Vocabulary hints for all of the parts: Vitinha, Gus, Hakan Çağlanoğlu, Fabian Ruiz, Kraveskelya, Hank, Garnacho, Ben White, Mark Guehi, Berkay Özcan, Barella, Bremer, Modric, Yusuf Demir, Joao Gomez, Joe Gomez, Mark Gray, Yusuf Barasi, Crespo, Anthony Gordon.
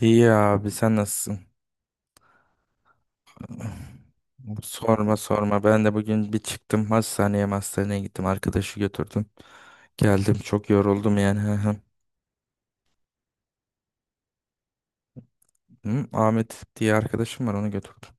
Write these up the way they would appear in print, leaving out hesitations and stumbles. İyi abi sen nasılsın? Sorma sorma ben de bugün bir çıktım hastaneye gittim arkadaşı götürdüm. Geldim çok yoruldum yani. Hı hı. Hı, Ahmet diye arkadaşım var onu götürdüm.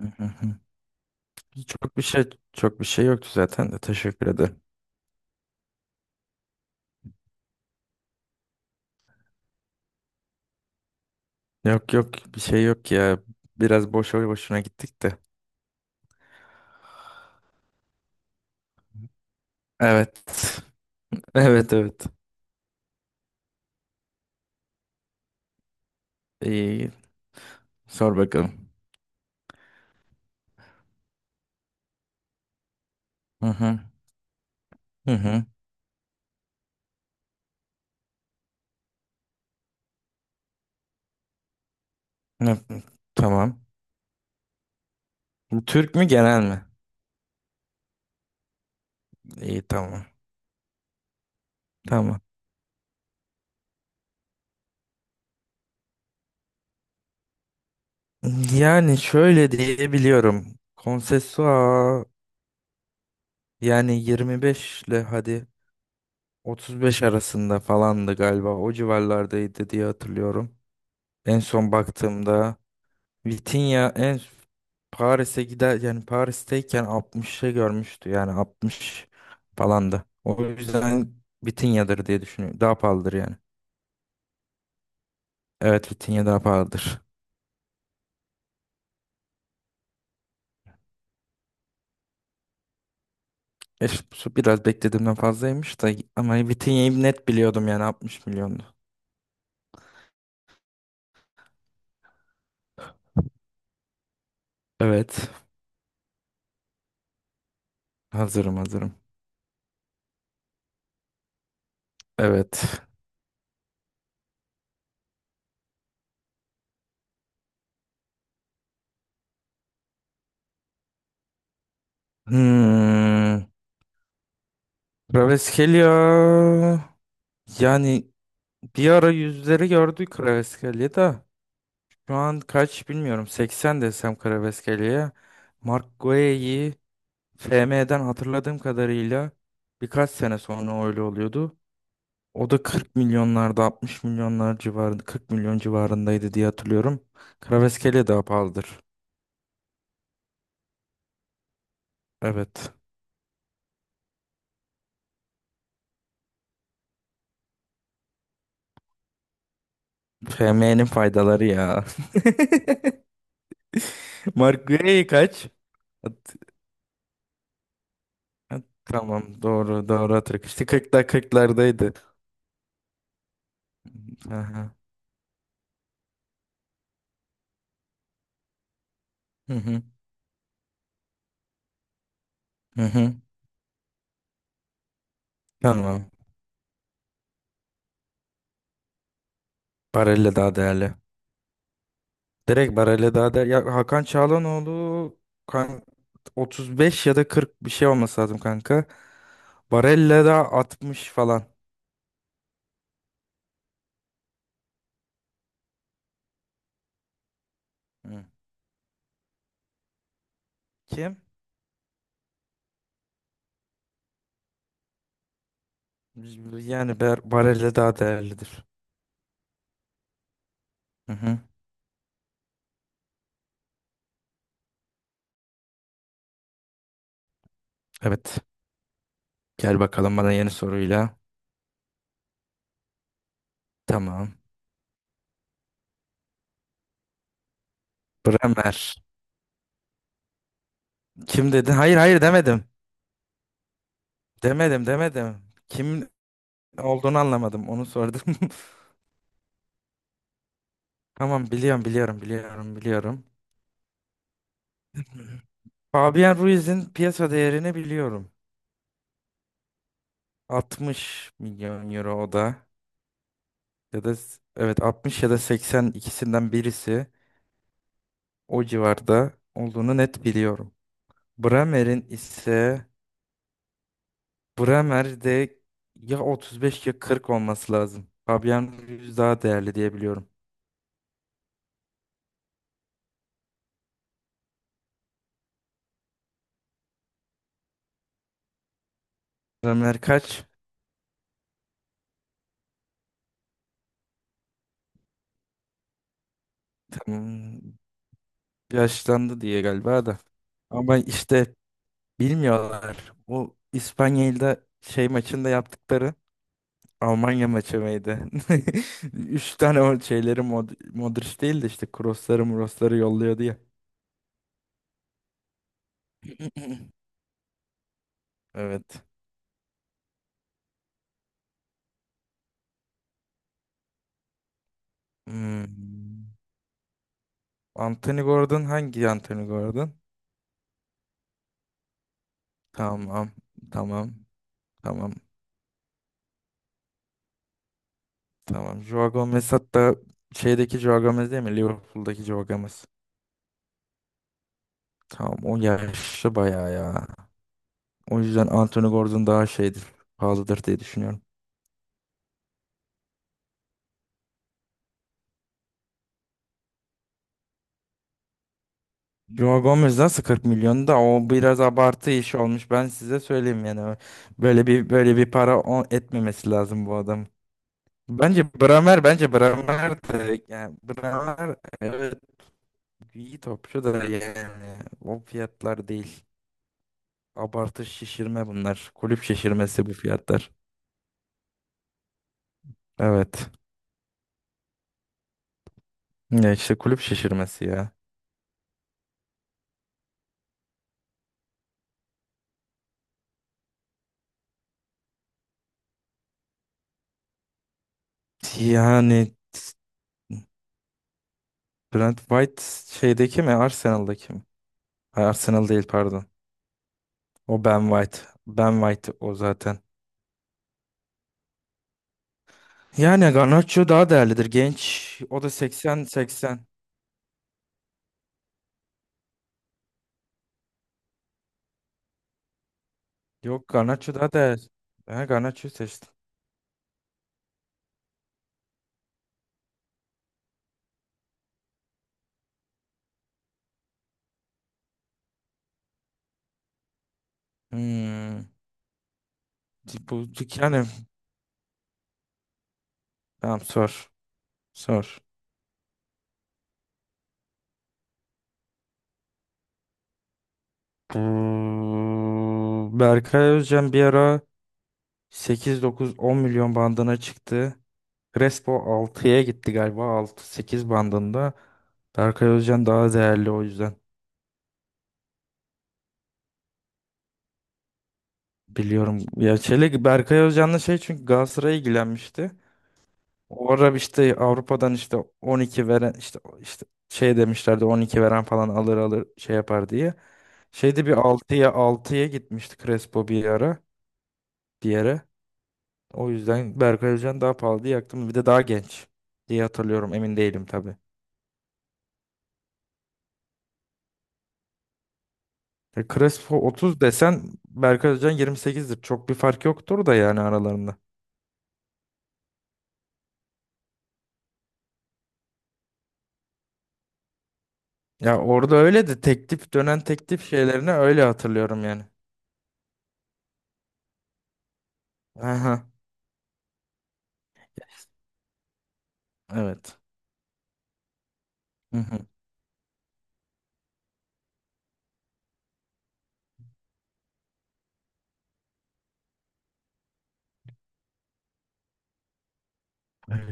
Hı hı hı. Çok bir şey yoktu zaten de teşekkür ederim. Yok yok bir şey yok ya, biraz boşa boşuna gittik de. Evet. Evet, evet. iyi sor bakalım. Hı hı hı hı. Hı, tamam. Türk mü genel mi? İyi, tamam. Tamam. Yani şöyle diyebiliyorum. Konsesua yani 25 ile hadi 35 arasında falandı galiba. O civarlardaydı diye hatırlıyorum. En son baktığımda Vitinha Paris'e gider, yani Paris'teyken 60'ı görmüştü. Yani 60 falandı. O yüzden Vitinha'dır diye düşünüyorum. Daha pahalıdır yani. Evet, Vitinha daha pahalıdır. E, su biraz beklediğimden fazlaymış da, ama Vitinha'yı net biliyordum, yani 60 milyondu. Evet. Hazırım, hazırım. Evet. Hmm. Kraveskelya. Yani bir ara yüzleri gördük Kraveskelya da. Şu an kaç bilmiyorum. 80 desem Kraveskelya'ya. Mark Guehi FM'den hatırladığım kadarıyla birkaç sene sonra öyle oluyordu. O da 40 milyonlarda, 60 milyonlar civarında, 40 milyon civarındaydı diye hatırlıyorum. Kraveskelya daha pahalıdır. Evet. FM'nin faydaları ya. Mark Gray kaç? At- at- tamam, doğru, doğru hatırlıyorum. İşte 40'lardaydı. Aha. Hı hı. Hı hı. Tamam. Barella daha değerli. Direkt Barella daha değerli. Ya, Hakan Çağlanoğlu kan 35 ya da 40 bir şey olması lazım kanka. Barella da 60 falan. Hı. Kim? Yani Barella daha değerlidir. Hı hı. Evet. Gel bakalım bana yeni soruyla. Tamam. Bremer. Kim dedin? Hayır, hayır demedim. Demedim, demedim. Kim olduğunu anlamadım. Onu sordum. Tamam, biliyorum, biliyorum, biliyorum, biliyorum. Fabian Ruiz'in piyasa değerini biliyorum. 60 milyon euro o da. Ya da evet 60 ya da 80, ikisinden birisi o civarda olduğunu net biliyorum. Bremer'in ise Bremer'de ya 35 ya 40 olması lazım. Fabian Ruiz daha değerli diye biliyorum. Bremer kaç? Tamam. Yaşlandı diye galiba da. Ama işte bilmiyorlar. O İspanya'da şey maçında yaptıkları, Almanya maçı mıydı? Üç tane o şeyleri Modric değil de işte crossları murosları yolluyordu ya. Evet. Hmm. Anthony Gordon, hangi Anthony Gordon? Tamam. Tamam. Tamam. Tamam. Joao Gomez, hatta şeydeki Joao Gomez değil mi? Liverpool'daki Joao Gomez. Tamam, o yaşlı bayağı ya. O yüzden Anthony Gordon daha şeydir. Pahalıdır diye düşünüyorum. Joe Gomez nasıl 40 milyon da, o biraz abartı iş olmuş. Ben size söyleyeyim yani. Böyle bir para etmemesi lazım bu adam. Bence Bramer de, yani Bramer evet, iyi topçu da, yani o fiyatlar değil. Abartı şişirme bunlar. Kulüp şişirmesi bu fiyatlar. Evet. Ya işte, kulüp şişirmesi ya. Yani Brent White şeydeki mi, Arsenal'daki mi? Ay, Arsenal değil, pardon. O Ben White. Ben White o zaten. Yani Garnacho daha değerlidir. Genç. O da 80-80. Yok, Garnacho daha değerli. Ben Garnacho'yu seçtim. Hmm. Bu, yani tamam, sor. Sor. Berkay Özcan bir ara 8-9-10 milyon bandına çıktı. Crespo altıya gitti galiba. 6 sekiz bandında. Berkay Özcan daha değerli o yüzden. Biliyorum. Ya, Çelik Berkay Özcan'la şey, çünkü Galatasaray'a ilgilenmişti. O ara işte Avrupa'dan işte 12 veren işte şey demişlerdi, 12 veren falan alır, alır şey yapar diye. Şeyde bir altıya gitmişti Crespo bir ara bir yere. O yüzden Berkay Özcan daha pahalı diye yaktım. Bir de daha genç diye hatırlıyorum. Emin değilim tabii. Ya, Crespo 30 desen Berkay Özcan 28'dir. Çok bir fark yoktur da yani aralarında. Ya orada öyle de, teklif dönen teklif şeylerini öyle hatırlıyorum yani. Aha, evet. Hı hı.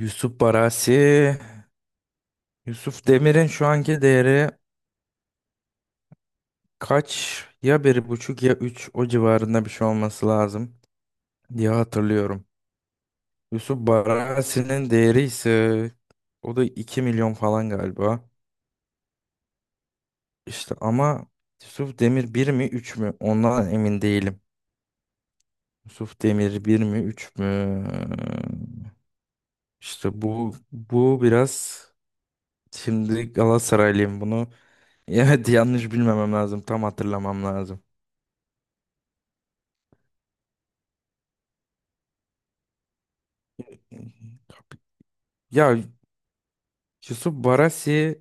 Yusuf Barasi. Yusuf Demir'in şu anki değeri kaç? Ya 1,5 ya üç, o civarında bir şey olması lazım diye hatırlıyorum. Yusuf Barasi'nin değeri ise o da 2 milyon falan galiba. İşte ama Yusuf Demir bir mi 3 mü? Ondan emin değilim. Yusuf Demir bir mi 3 mü? İşte bu biraz, şimdi Galatasaraylıyım bunu. Evet, yanlış bilmemem lazım. Tam hatırlamam lazım. Ya, Yusuf Barasi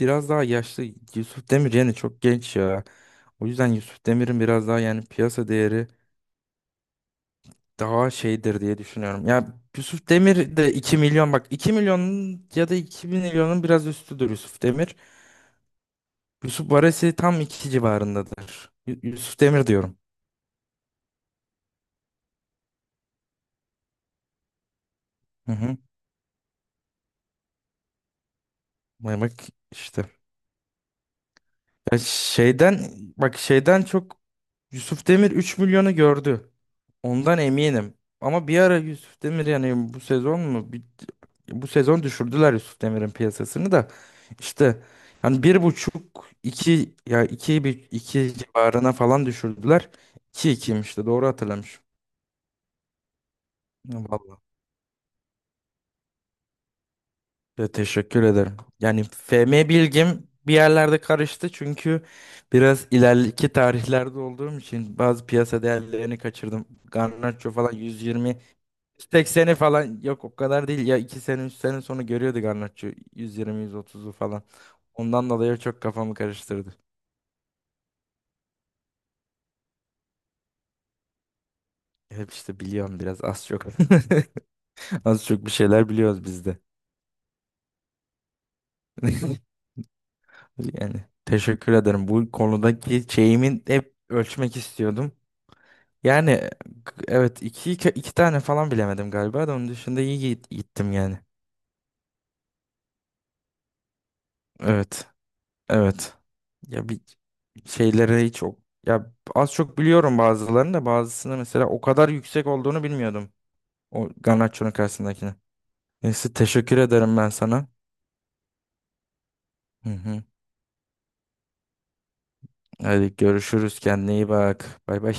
biraz daha yaşlı. Yusuf Demir yani çok genç ya. O yüzden Yusuf Demir'in biraz daha yani piyasa değeri daha şeydir diye düşünüyorum. Ya, Yusuf Demir de 2 milyon, bak, 2 milyonun ya da 2 milyonun biraz üstüdür Yusuf Demir. Yusuf Barasi tam 2 civarındadır. Yusuf Demir diyorum. Hı hı. Vay, bak işte. Ya şeyden, bak şeyden çok Yusuf Demir 3 milyonu gördü. Ondan eminim. Ama bir ara Yusuf Demir, yani bu sezon mu? Bu sezon düşürdüler Yusuf Demir'in piyasasını da. İşte hani bir buçuk, iki, ya iki, bir iki civarına falan düşürdüler. 2 ikiymiş de, doğru hatırlamışım. Ya, vallahi. Ya teşekkür ederim. Yani FM bilgim bir yerlerde karıştı, çünkü biraz ileriki tarihlerde olduğum için bazı piyasa değerlerini kaçırdım. Garnacho falan 120 180'i falan yok, o kadar değil ya, 2 sene 3 sene sonra görüyordu Garnaccio, 120-130'u falan. Ondan dolayı çok kafamı karıştırdı. Hep işte biliyorum, biraz az çok. Az çok bir şeyler biliyoruz biz de. Yani teşekkür ederim. Bu konudaki şeyimin hep ölçmek istiyordum. Yani evet, iki tane falan bilemedim galiba da, onun dışında iyi gittim yani. Evet. Evet. Ya bir şeylere hiç o ya, az çok biliyorum bazılarını da, bazısını mesela o kadar yüksek olduğunu bilmiyordum. O Garnaccio'nun karşısındakini. Neyse teşekkür ederim ben sana. Hı hı. Hadi görüşürüz, kendine iyi bak. Bay bay.